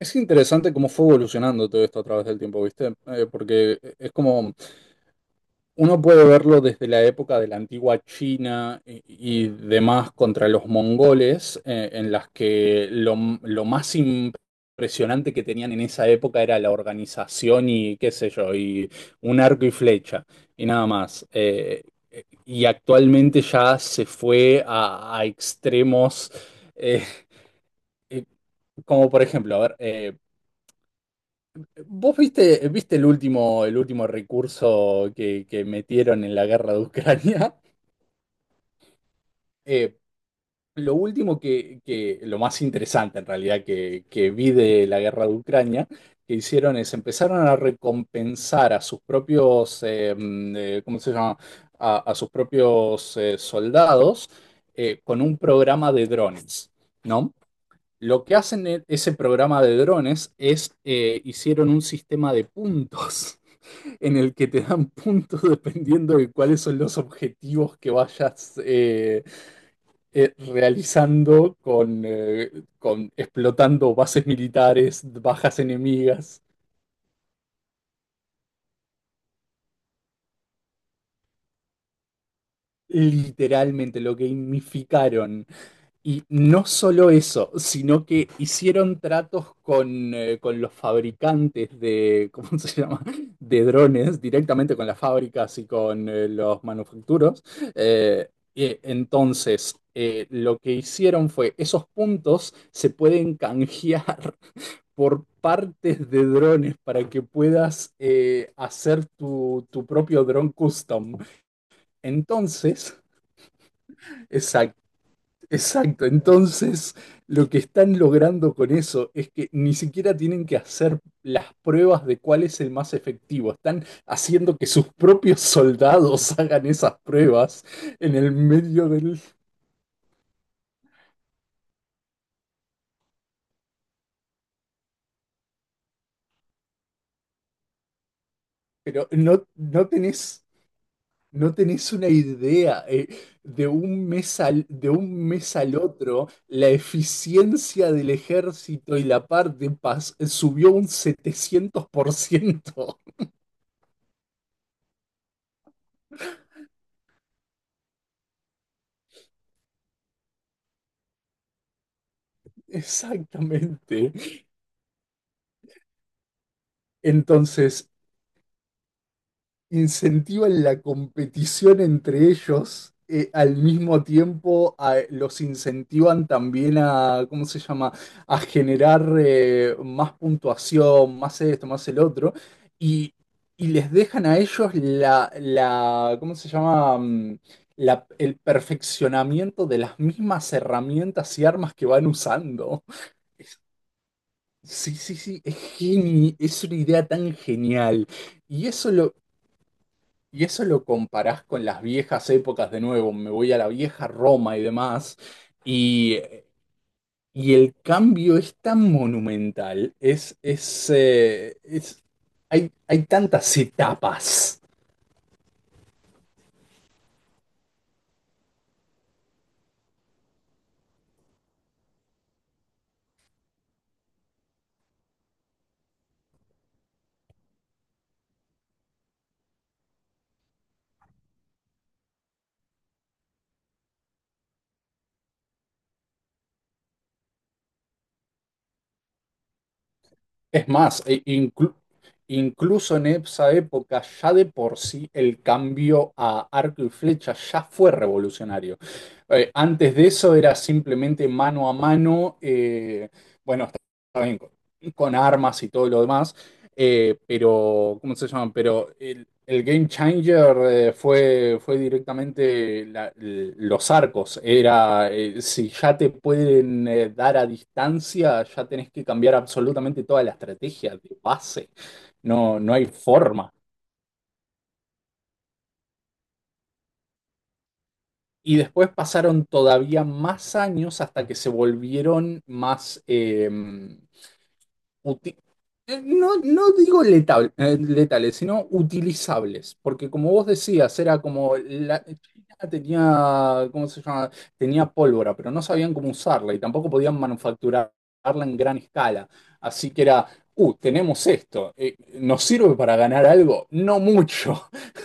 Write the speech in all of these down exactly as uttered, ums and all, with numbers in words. Es interesante cómo fue evolucionando todo esto a través del tiempo, ¿viste? Eh, porque es como uno puede verlo desde la época de la antigua China y, y demás contra los mongoles, eh, en las que lo, lo más impresionante que tenían en esa época era la organización y qué sé yo, y un arco y flecha, y nada más. Eh, y actualmente ya se fue a, a extremos. eh, eh, Como por ejemplo, a ver, eh, ¿vos viste, viste el último, el último recurso que, que metieron en la guerra de Ucrania? Eh, lo último que, que- lo más interesante en realidad que, que vi de la guerra de Ucrania, que hicieron es empezaron a recompensar a sus propios, eh, mm, eh, ¿cómo se llama? A, a sus propios eh, soldados eh, con un programa de drones, ¿no? Lo que hacen en ese programa de drones es, eh, hicieron un sistema de puntos. en el que te dan puntos dependiendo de cuáles son los objetivos que vayas eh, eh, realizando con, eh, con explotando bases militares, bajas enemigas. Literalmente lo gamificaron. Y no solo eso, sino que hicieron tratos con, eh, con los fabricantes de, ¿cómo se llama? De drones, directamente con las fábricas y con eh, los manufacturos. Eh, y entonces, eh, lo que hicieron fue, esos puntos se pueden canjear por partes de drones para que puedas eh, hacer tu, tu propio drone custom. Entonces. Exacto, entonces lo que están logrando con eso es que ni siquiera tienen que hacer las pruebas de cuál es el más efectivo, están haciendo que sus propios soldados hagan esas pruebas en el medio del. Pero no, no tenés, no tenés una idea eh, de un mes al, de un mes al otro, la eficiencia del ejército y la par de paz subió un setecientos por ciento. Exactamente. Entonces, incentivan la competición entre ellos, eh, al mismo tiempo a- los incentivan también a, ¿cómo se llama?, a generar eh, más puntuación, más esto, más el otro, y, y les dejan a ellos la, la, ¿cómo se llama?, Mm, la- el perfeccionamiento de las mismas herramientas y armas que van usando. Es- Sí, sí, sí, es geni- es una idea tan genial. Y eso lo, Y eso lo comparás con las viejas épocas de nuevo, me voy a la vieja Roma y demás, y, y el cambio es tan monumental, es, es, eh, es- hay, hay tantas etapas. Es más, e- inclu- incluso en esa época ya de por sí el cambio a arco y flecha ya fue revolucionario. Eh, antes de eso era simplemente mano a mano, eh, bueno, está bien, con con armas y todo lo demás. Eh, pero, ¿cómo se llaman? Pero el, el game changer eh, fue, fue directamente la- l- los arcos. Era, eh, si ya te pueden eh, dar a distancia, ya tenés que cambiar absolutamente toda la estrategia de base. No, no hay forma. Y después pasaron todavía más años hasta que se volvieron más, eh, uti- eh, no, no digo letal- eh, letales, sino utilizables, porque como vos decías, era como la China tenía, ¿cómo se llama? Tenía pólvora, pero no sabían cómo usarla y tampoco podían manufacturarla en gran escala. Así que era, uh, tenemos esto, eh, ¿nos sirve para ganar algo? No mucho.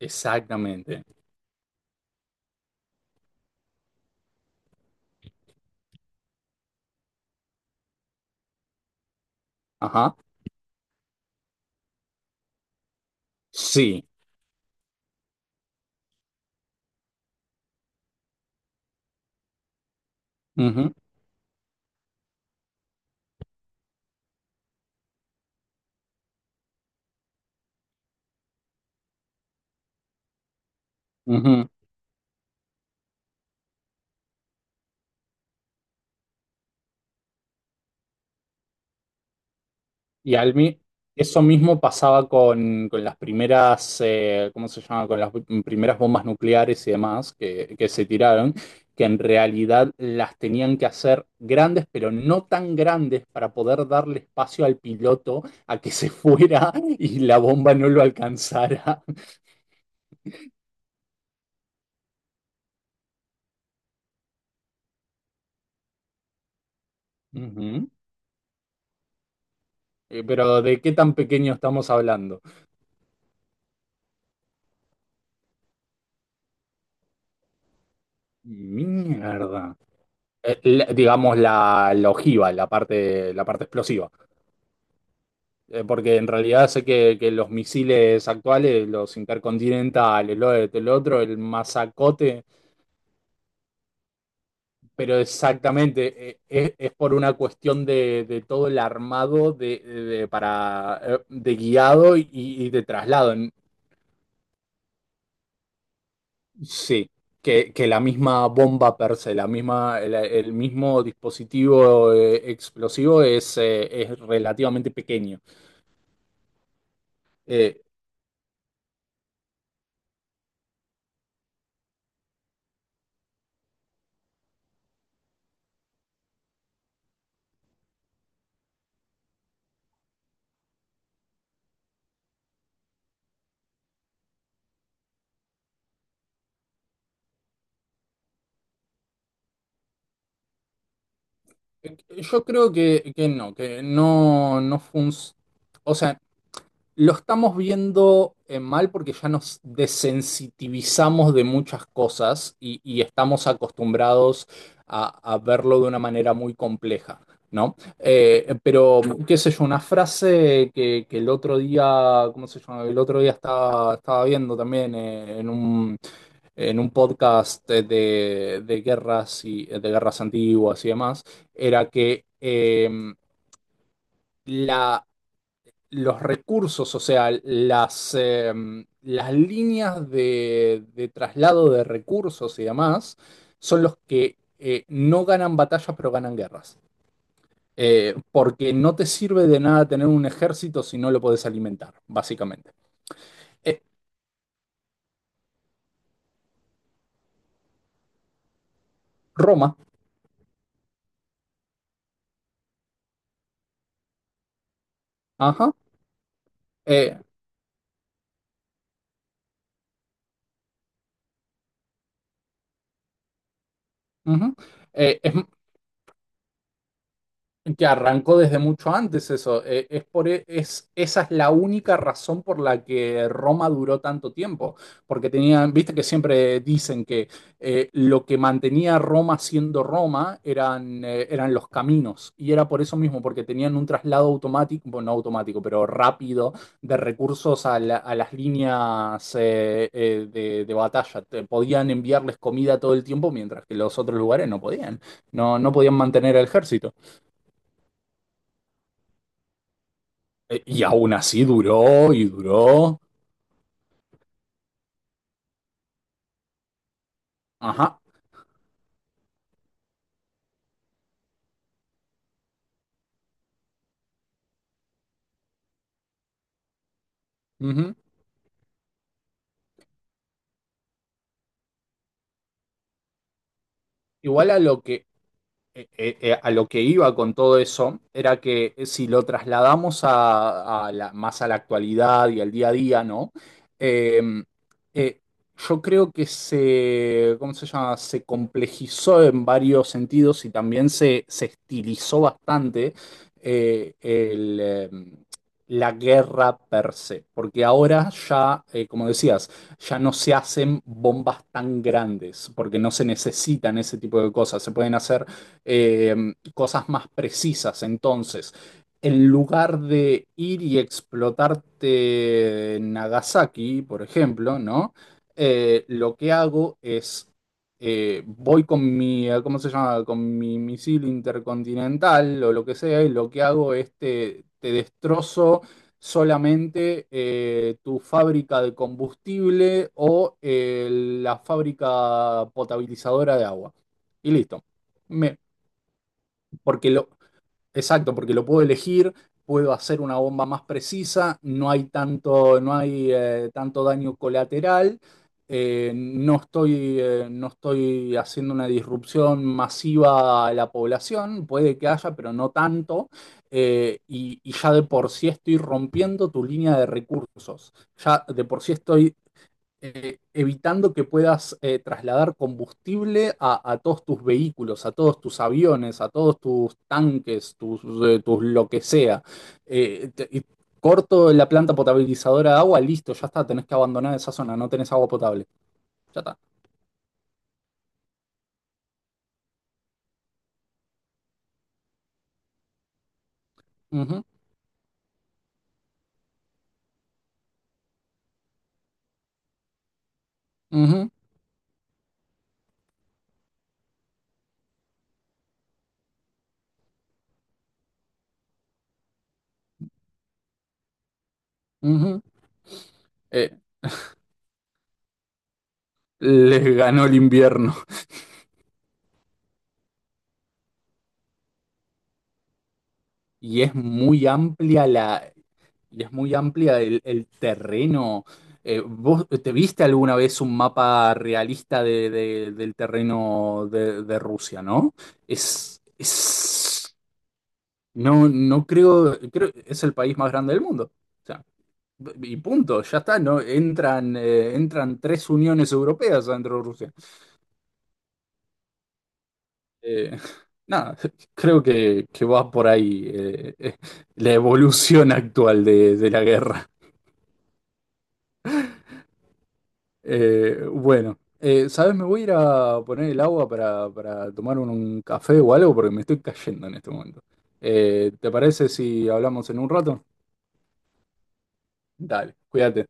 Exactamente. Ajá. Sí. Ujú, ujú. Y al mi- Eso mismo pasaba con, con las primeras, eh, ¿cómo se llama? Con las bu- primeras bombas nucleares y demás que, que se tiraron, que en realidad las tenían que hacer grandes, pero no tan grandes para poder darle espacio al piloto a que se fuera y la bomba no lo alcanzara. Ujú. Eh, Pero, ¿de qué tan pequeño estamos hablando? Mierda. Eh, la- digamos la, la ojiva, la parte, la parte explosiva. Eh, porque en realidad sé que, que los misiles actuales, los intercontinentales, lo de- el otro, el masacote, pero exactamente, eh, es, es por una cuestión de, de todo el armado de, de- para, eh, de guiado y, y de traslado. En- Sí, que, que la misma bomba per se, la misma, el, el mismo dispositivo eh, explosivo es, eh, es relativamente pequeño. Eh, yo creo que, que no, que no, no funciona. O sea, lo estamos viendo eh, mal porque ya nos desensitivizamos de muchas cosas y, y estamos acostumbrados a, a verlo de una manera muy compleja, ¿no? Eh, pero, qué sé yo, una frase que, que el otro día, ¿cómo se llama? El otro día estaba, estaba viendo también eh, en un, en un podcast de, de- guerras y de guerras antiguas y demás, era que eh, la los recursos, o sea, las, eh, las líneas de, de traslado de recursos y demás, son los que eh, no ganan batallas, pero ganan guerras. Eh, porque no te sirve de nada tener un ejército si no lo podés alimentar, básicamente. Eh, Roma, ajá, eh, ujú. Eh, es, Que arrancó desde mucho antes eso. Eh, es por, e- es, Esa es la única razón por la que Roma duró tanto tiempo. Porque tenían, viste que siempre dicen que eh, lo que mantenía a Roma siendo Roma eran, eh, eran los caminos. Y era por eso mismo, porque tenían un traslado automático, bueno, no automático, pero rápido de recursos a, la- a las líneas eh, eh, de, de batalla. Te- podían enviarles comida todo el tiempo, mientras que los otros lugares no podían. No, no podían mantener el ejército. Eh, Y aún así duró y duró. Ajá. Ujú. Igual a lo que, eh, eh, eh, a lo que iba con todo eso era que eh, si lo trasladamos a, a la- más a la actualidad y al día a día, ¿no? Eh, eh, yo creo que se, ¿cómo se llama? Se complejizó en varios sentidos y también se, se estilizó bastante eh, el, eh, la guerra per se, porque ahora ya, eh, como decías, ya no se hacen bombas tan grandes, porque no se necesitan ese tipo de cosas, se pueden hacer eh, cosas más precisas. Entonces, en lugar de ir y explotarte Nagasaki, por ejemplo, ¿no? Eh, lo que hago es, eh, voy con mi, ¿cómo se llama? Con mi misil intercontinental o lo que sea, y lo que hago es te, te destrozo solamente eh, tu fábrica de combustible o eh, la fábrica potabilizadora de agua. Y listo. Me, porque lo, exacto, porque lo puedo elegir, puedo hacer una bomba más precisa, no hay tanto, no hay eh, tanto daño colateral, eh, no estoy, eh, no estoy haciendo una disrupción masiva a la población, puede que haya, pero no tanto, eh, y, y ya de por sí estoy rompiendo tu línea de recursos, ya de por sí estoy eh, evitando que puedas eh, trasladar combustible a, a todos tus vehículos, a todos tus aviones, a todos tus tanques, tus, eh, tus lo que sea. Eh, te- y corto la planta potabilizadora de agua, listo, ya está, tenés que abandonar esa zona, no tenés agua potable. Ya está. Ujú, ujú, ujú. Eh, Les ganó el invierno. Y es muy amplia la, Y es muy amplia el, el terreno. Eh, ¿vos te viste alguna vez un mapa realista de- de- del terreno de, de Rusia, no? Es, es- no, no creo, creo, es el país más grande del mundo. O sea, y punto, ya está, ¿no? Entran, eh, entran tres uniones europeas dentro de Rusia. Eh, nada, creo que, que va por ahí eh, eh, la evolución actual de de la guerra. Eh, bueno, eh, ¿sabes? Me voy a ir a poner el agua para, para tomar un, un café o algo porque me estoy cayendo en este momento. Eh, ¿te parece si hablamos en un rato? Dale, cuídate.